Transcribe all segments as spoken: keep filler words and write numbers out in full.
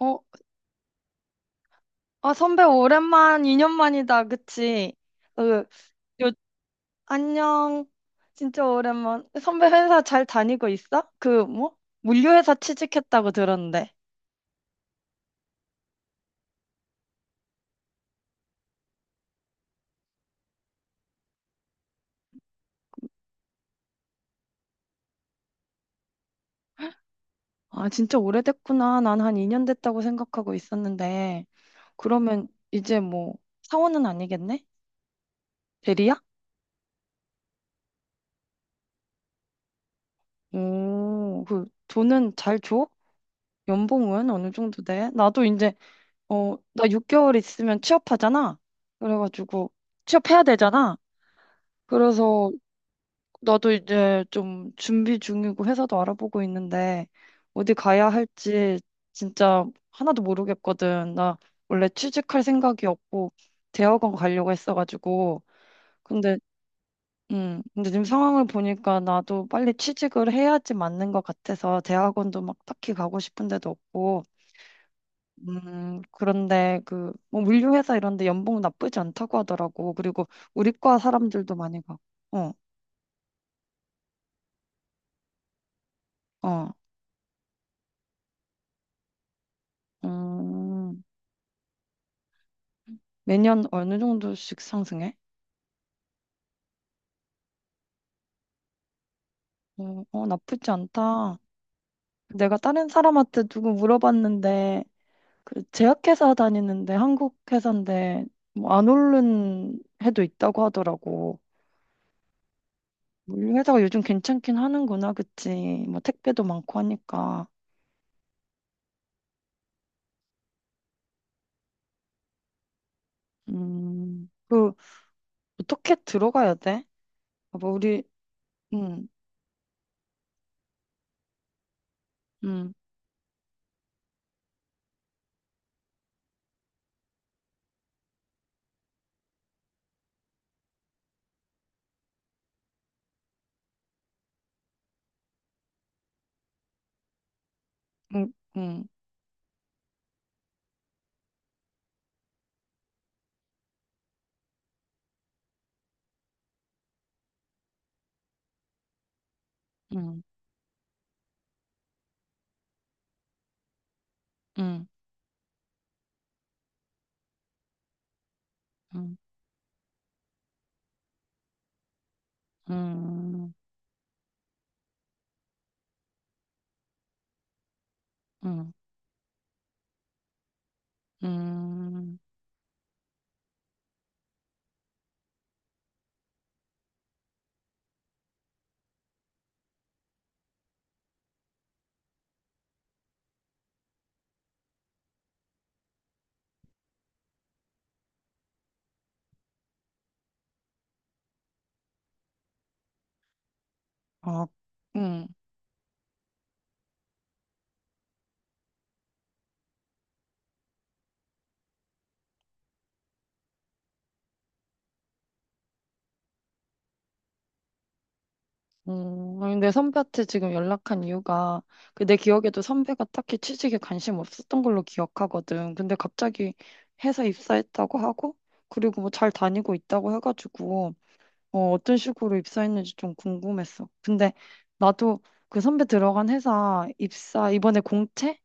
어, 아, 선배 오랜만, 이 년 만이다, 그치? 어, 요, 안녕. 진짜 오랜만. 선배 회사 잘 다니고 있어? 그, 뭐? 물류회사 취직했다고 들었는데. 아, 진짜 오래됐구나. 난 한 이 년 됐다고 생각하고 있었는데. 그러면 이제 뭐, 사원은 아니겠네? 대리야? 오, 그, 돈은 잘 줘? 연봉은 어느 정도 돼? 나도 이제, 어, 나 육 개월 있으면 취업하잖아? 그래가지고, 취업해야 되잖아? 그래서 나도 이제 좀 준비 중이고 회사도 알아보고 있는데 어디 가야 할지 진짜 하나도 모르겠거든. 나 원래 취직할 생각이 없고 대학원 가려고 했어가지고. 근데 음 근데 지금 상황을 보니까 나도 빨리 취직을 해야지 맞는 것 같아서 대학원도 막 딱히 가고 싶은 데도 없고. 음 그런데 그 뭐 물류 회사 이런 데 연봉 나쁘지 않다고 하더라고. 그리고 우리 과 사람들도 많이 가고. 어, 어. 음. 매년 어느 정도씩 상승해? 어, 어, 나쁘지 않다. 내가 다른 사람한테 누구 물어봤는데 그 제약회사 다니는데 한국 회사인데 뭐 안 오른 해도 있다고 하더라고. 뭐 우리 회사가 요즘 괜찮긴 하는구나, 그치? 뭐 택배도 많고 하니까. 음, 그 어떻게 들어가야 돼? 아, 뭐 우리. 음, 음, 음, 음, 음, 음, 음, 음, 음, 음, 아, 음. 음, 아니, 내 선배한테 지금 연락한 이유가 그 내 기억에도 선배가 딱히 취직에 관심 없었던 걸로 기억하거든. 근데 갑자기 회사 입사했다고 하고 그리고 뭐 잘 다니고 있다고 해가지고 어, 어떤 식으로 입사했는지 좀 궁금했어. 근데 나도 그 선배 들어간 회사 입사 이번에 공채?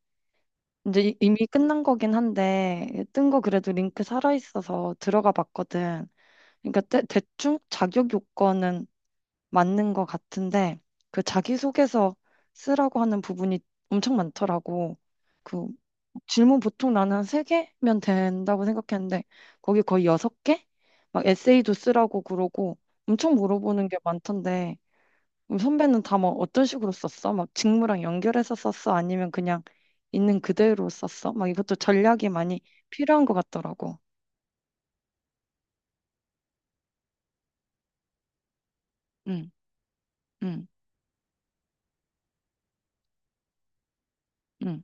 이제 이- 이미 끝난 거긴 한데 뜬 거 그래도 링크 살아있어서 들어가 봤거든. 그러니까 대, 대충 자격 요건은 맞는 것 같은데 그 자기소개서 쓰라고 하는 부분이 엄청 많더라고. 그 질문 보통 나는 한 세개면 된다고 생각했는데 거기 거의 여섯 개막 에세이도 쓰라고 그러고 엄청 물어보는 게 많던데 그럼 선배는 다 막 어떤 식으로 썼어? 막 직무랑 연결해서 썼어? 아니면 그냥 있는 그대로 썼어? 막 이것도 전략이 많이 필요한 것 같더라고. 응, 응, 응,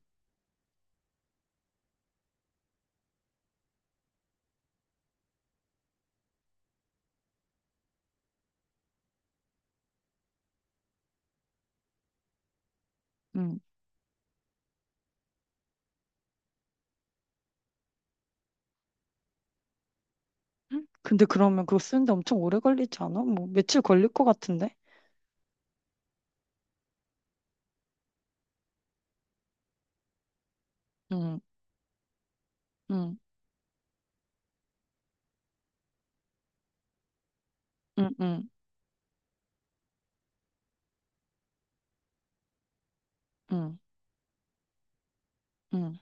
응. 근데 그러면 그거 쓰는데 엄청 오래 걸리지 않아? 뭐 며칠 걸릴 것 같은데? 응, 응, 응, 응, 응, 응,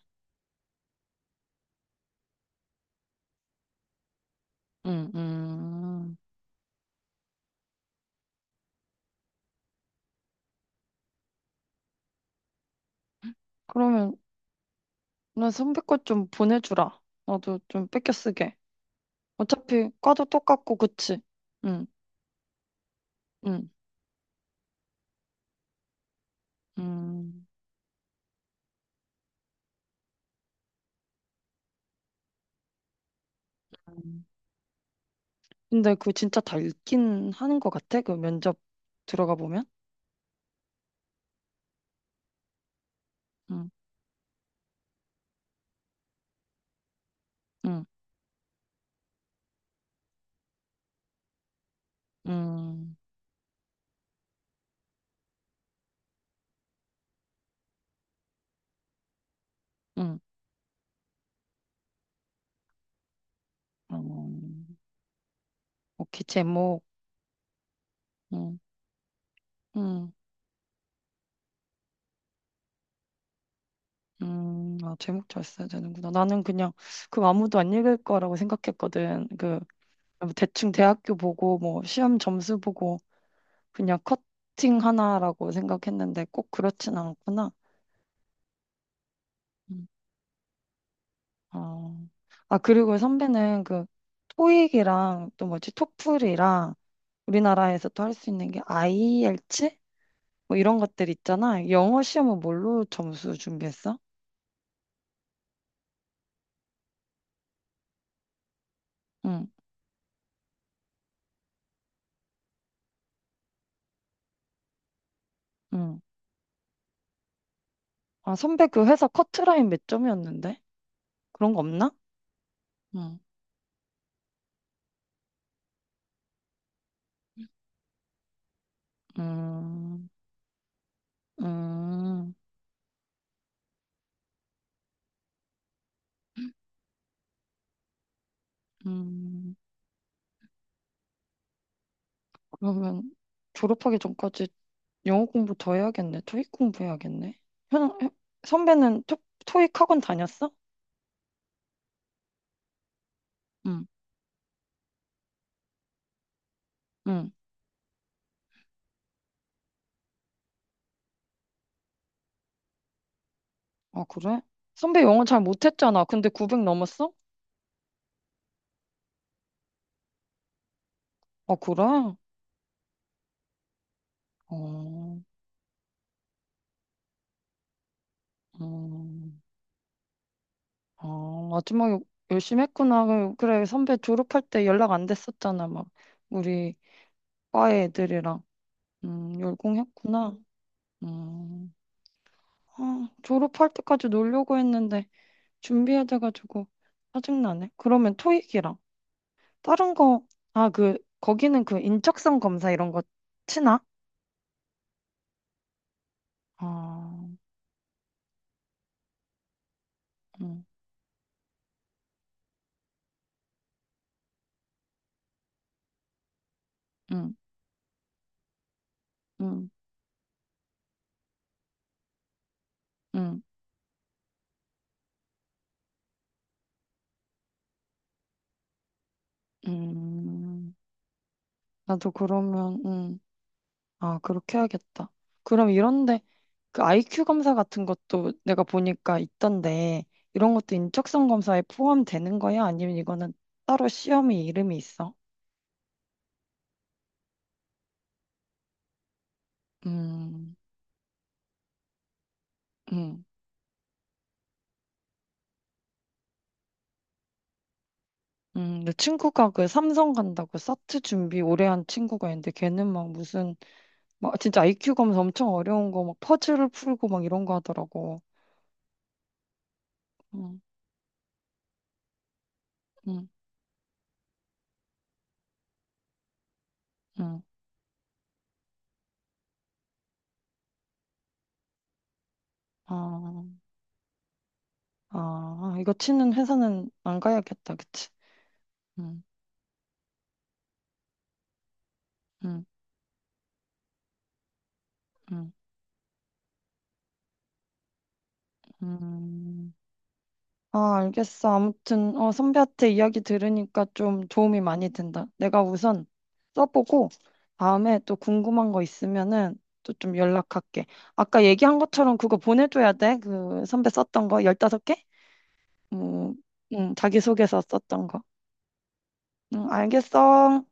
응, 응. 그러면 나 선배 거 좀 보내주라. 나도 좀 뺏겨 쓰게. 어차피 과도 똑같고 그치? 응, 응, 응. 응. 근데 그거 진짜 다 읽긴 하는 것 같아? 그 면접 들어가 보면? 응, 응, 응, 응. 응. 오케이 제목. 응, 응. 음, 아, 제목 잘 써야 되는구나. 나는 그냥 그 아무도 안 읽을 거라고 생각했거든. 그 뭐 대충 대학교 보고 뭐 시험 점수 보고 그냥 커팅 하나라고 생각했는데 꼭 그렇진 않구나. 음. 어. 아, 그리고 선배는 그 토익이랑 또 뭐지? 토플이랑 우리나라에서 또 할 수 있는 게 아이엘츠 뭐 이런 것들 있잖아. 영어 시험은 뭘로 점수 준비했어? 응, 응. 아, 선배 그 회사 커트라인 몇 점이었는데? 그런 거 없나? 음, 음, 음. 그러면 졸업하기 전까지 영어 공부 더 해야겠네. 토익 공부해야겠네. 현, 현- 선배는 토, 토익 학원 다녔어? 응, 응. 아, 그래? 선배 영어 잘 못했잖아. 근데 구백 넘었어? 아, 그래? 어, 음, 아, 마지막에 열심히 했구나. 그- 그래, 선배 졸업할 때 연락 안 됐었잖아. 막, 우리 과 애들이랑. 음, 열공했구나. 음. 아, 졸업할 때까지 놀려고 했는데 준비해돼가지고 짜증나네. 그러면 토익이랑 다른 거, 아, 그, 거기는 그 인적성 검사 이런 거 치나? 아, 응 응 응 응 응 나도 그러면, 응 아, 그렇게 해야겠다. 그럼 이런데 그 아이큐 검사 같은 것도 내가 보니까 있던데 이런 것도 인적성 검사에 포함되는 거야? 아니면 이거는 따로 시험이 이름이 있어? 음, 음. 음, 내 친구가 그 삼성 간다고 사트 준비 오래 한 친구가 있는데 걔는 막 무슨 막 진짜 아이큐 검사 엄청 어려운 거 막 퍼즐을 풀고 막 이런 거 하더라고. 응, 응, 응. 아, 아, 이거 치는 회사는 안 가야겠다, 그치? 응, 응, 응, 응. 아, 알겠어. 아무튼, 어, 선배한테 이야기 들으니까 좀 도움이 많이 된다. 내가 우선 써보고, 다음에 또 궁금한 거 있으면은 또 좀 연락할게. 아까 얘기한 것처럼 그거 보내줘야 돼. 그 선배 썼던 거, 열다섯 개? 음, 음, 자기소개서 썼던 거. 응, 알겠어.